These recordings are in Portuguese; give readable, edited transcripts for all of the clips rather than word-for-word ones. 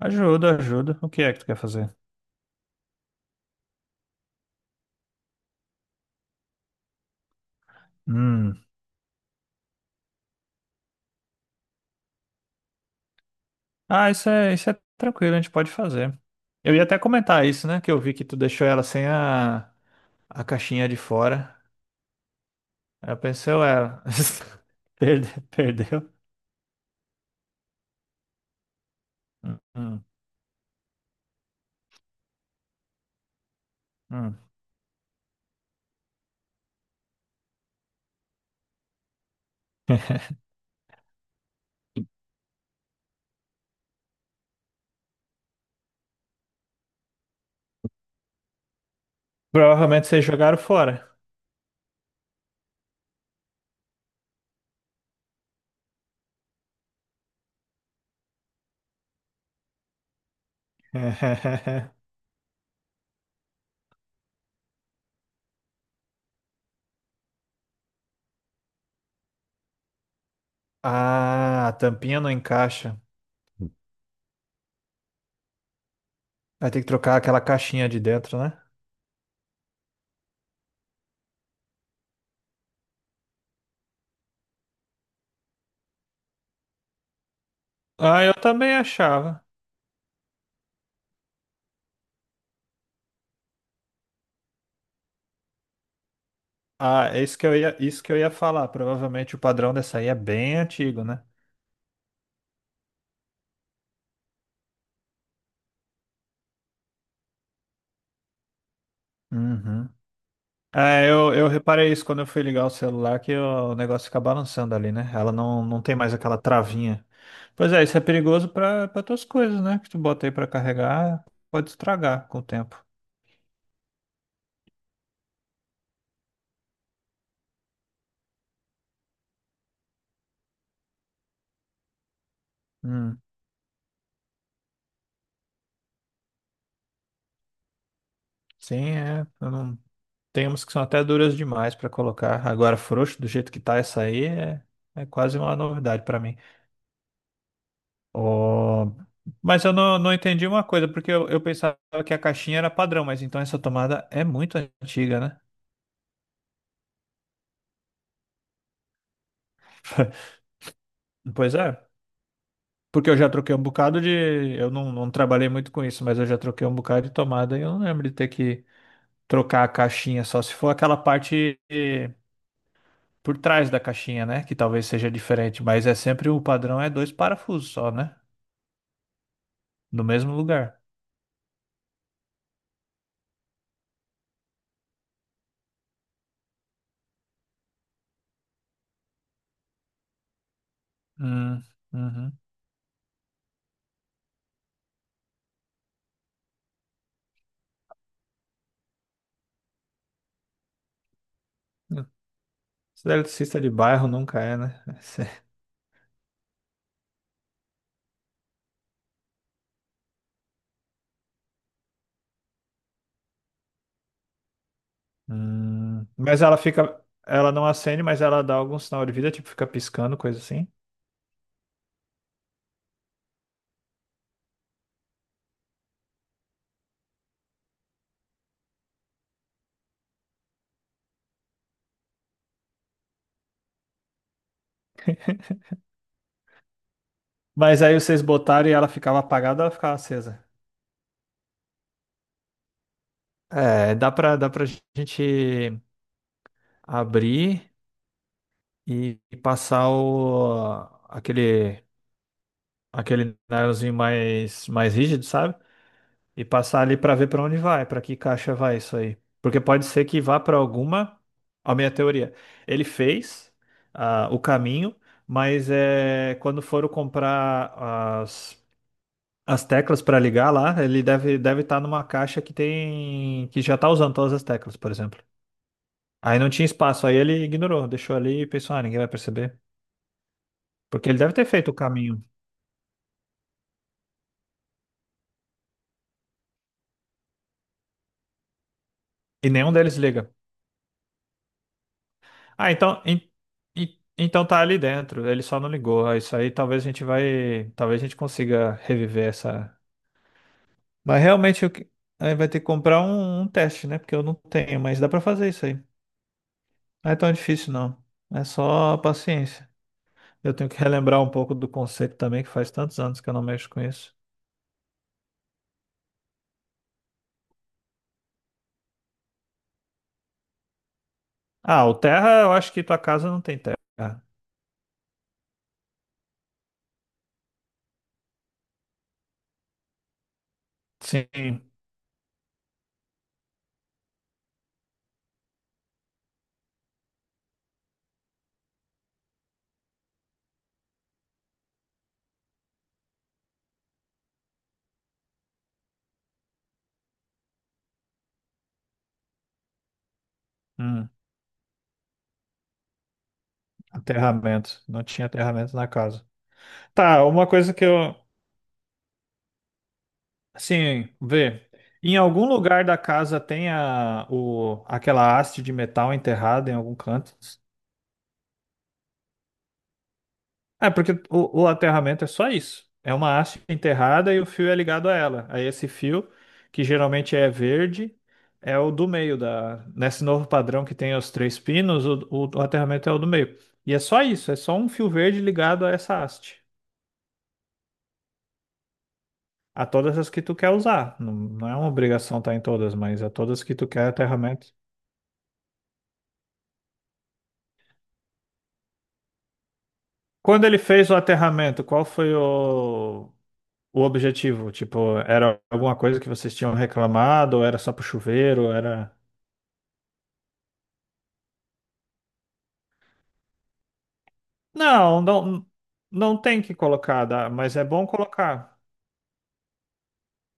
Ajuda, ajuda. O que é que tu quer fazer? Hum. Ah, isso é tranquilo, a gente pode fazer. Eu ia até comentar isso, né? Que eu vi que tu deixou ela sem a caixinha de fora. Aí eu pensei, ué, perdeu, perdeu. Hum, hum. Hum. Provavelmente vocês jogaram fora. Ah, a tampinha não encaixa. Vai ter que trocar aquela caixinha de dentro, né? Ah, eu também achava. Ah, é isso que eu ia, isso que eu ia falar. Provavelmente o padrão dessa aí é bem antigo, né? Uhum. É, eu reparei isso quando eu fui ligar o celular, que o negócio fica balançando ali, né? Ela não tem mais aquela travinha. Pois é, isso é perigoso para tuas coisas, né? Que tu bota aí pra carregar, pode estragar com o tempo. Hum. Sim, é. Eu não- Tem umas que são até duras demais pra colocar. Agora, frouxo, do jeito que tá essa aí, é quase uma novidade pra mim. Ó, mas eu não entendi uma coisa, porque eu pensava que a caixinha era padrão, mas então essa tomada é muito antiga, né? Pois é. Porque eu já troquei um bocado de. Eu não trabalhei muito com isso, mas eu já troquei um bocado de tomada e eu não lembro de ter que trocar a caixinha, só se for aquela parte por trás da caixinha, né? Que talvez seja diferente, mas é sempre o padrão é dois parafusos só, né? No mesmo lugar. Hum, uhum. Esse eletricista de bairro nunca é, né? Mas ela fica. Ela não acende, mas ela dá algum sinal de vida, tipo, fica piscando, coisa assim. Mas aí vocês botaram e ela ficava apagada ou ela ficava acesa? É, dá pra gente abrir e passar aquele, aquele nylonzinho mais rígido, sabe? E passar ali pra ver pra onde vai, pra que caixa vai isso aí. Porque pode ser que vá pra alguma. A minha teoria. Ele fez ah, o caminho, mas é, quando foram comprar as, as teclas pra ligar lá, ele deve estar numa caixa que tem que já tá usando todas as teclas, por exemplo. Aí não tinha espaço, aí ele ignorou, deixou ali e pensou, ah, ninguém vai perceber. Porque ele deve ter feito o caminho. E nenhum deles liga. Ah, então, então tá ali dentro, ele só não ligou. Ah, isso aí talvez a gente vai. Talvez a gente consiga reviver essa. Mas realmente eu que- Aí vai ter que comprar um teste, né? Porque eu não tenho, mas dá pra fazer isso aí. Não é tão difícil, não. É só paciência. Eu tenho que relembrar um pouco do conceito também, que faz tantos anos que eu não mexo com isso. Ah, o terra, eu acho que tua casa não tem terra. Sim. Hum. Aterramento. Não tinha aterramento na casa. Tá, uma coisa que eu. Assim, vê. Em algum lugar da casa tem aquela haste de metal enterrada em algum canto? É, porque o aterramento é só isso. É uma haste enterrada e o fio é ligado a ela. Aí esse fio, que geralmente é verde, é o do meio da. Nesse novo padrão que tem os três pinos, o aterramento é o do meio. E é só isso, é só um fio verde ligado a essa haste. A todas as que tu quer usar. Não é uma obrigação estar em todas, mas a todas que tu quer aterramento. Quando ele fez o aterramento, qual foi o objetivo? Tipo, era alguma coisa que vocês tinham reclamado, ou era só pro chuveiro, era... Não, não, não tem que colocar, dá- mas é bom colocar.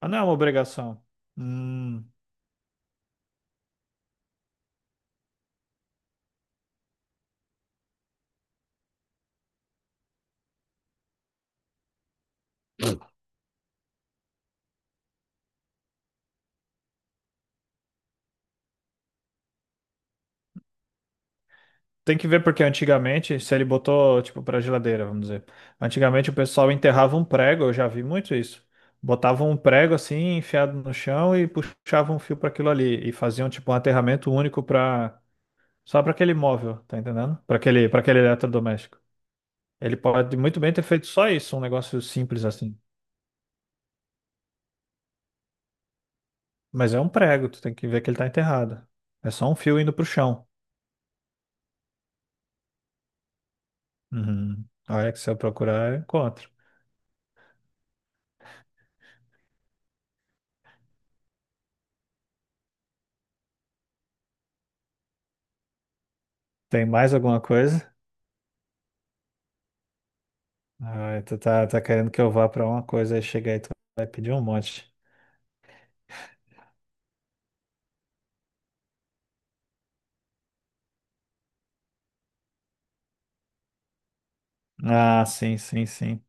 Mas não é uma obrigação. Hum. Tem que ver porque antigamente, se ele botou, tipo, pra geladeira, vamos dizer. Antigamente o pessoal enterrava um prego, eu já vi muito isso. Botavam um prego assim, enfiado no chão e puxavam um fio para aquilo ali. E faziam, tipo, um aterramento único para só para aquele móvel, tá entendendo? Para aquele eletrodoméstico. Ele pode muito bem ter feito só isso, um negócio simples assim. Mas é um prego, tu tem que ver que ele tá enterrado. É só um fio indo pro chão. Uhum. Olha que se eu procurar, eu encontro. Tem mais alguma coisa? Ai, tá querendo que eu vá pra uma coisa e chegar e tu vai pedir um monte. Ah, sim, sim, sim.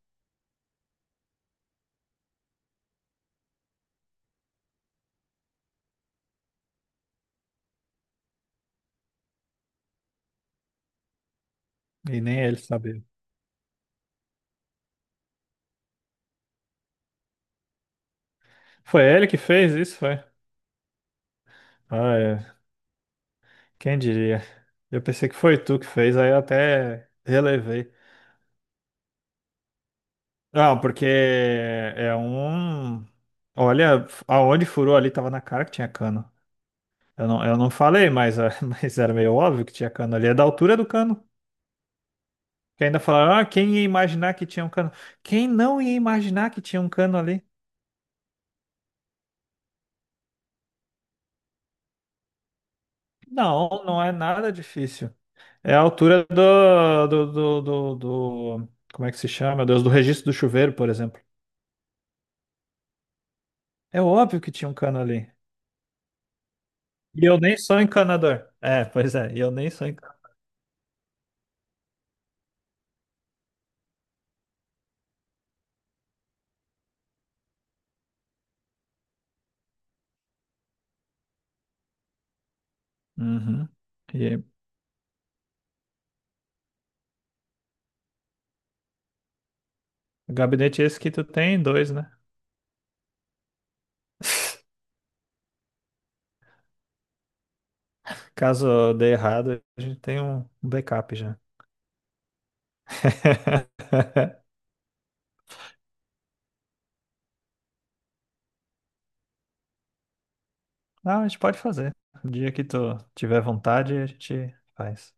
E nem ele sabia. Foi ele que fez isso, foi? Ah, é. Quem diria? Eu pensei que foi tu que fez, aí eu até relevei. Não, porque é um. Olha, aonde furou ali tava na cara que tinha cano. Eu eu não falei, mas, ah, mas era meio óbvio que tinha cano ali. É da altura do cano. Que ainda falaram, ah, quem ia imaginar que tinha um cano? Quem não ia imaginar que tinha um cano ali? Não, não é nada difícil. É a altura como é que se chama, meu Deus? Do registro do chuveiro, por exemplo. É óbvio que tinha um cano ali. E eu nem sou encanador. É, pois é, e eu nem sou encanador. Uhum. E o gabinete esse que tu tem, dois, né? Caso dê errado, a gente tem um backup já. Não, a gente pode fazer. O dia que tu tiver vontade, a gente faz.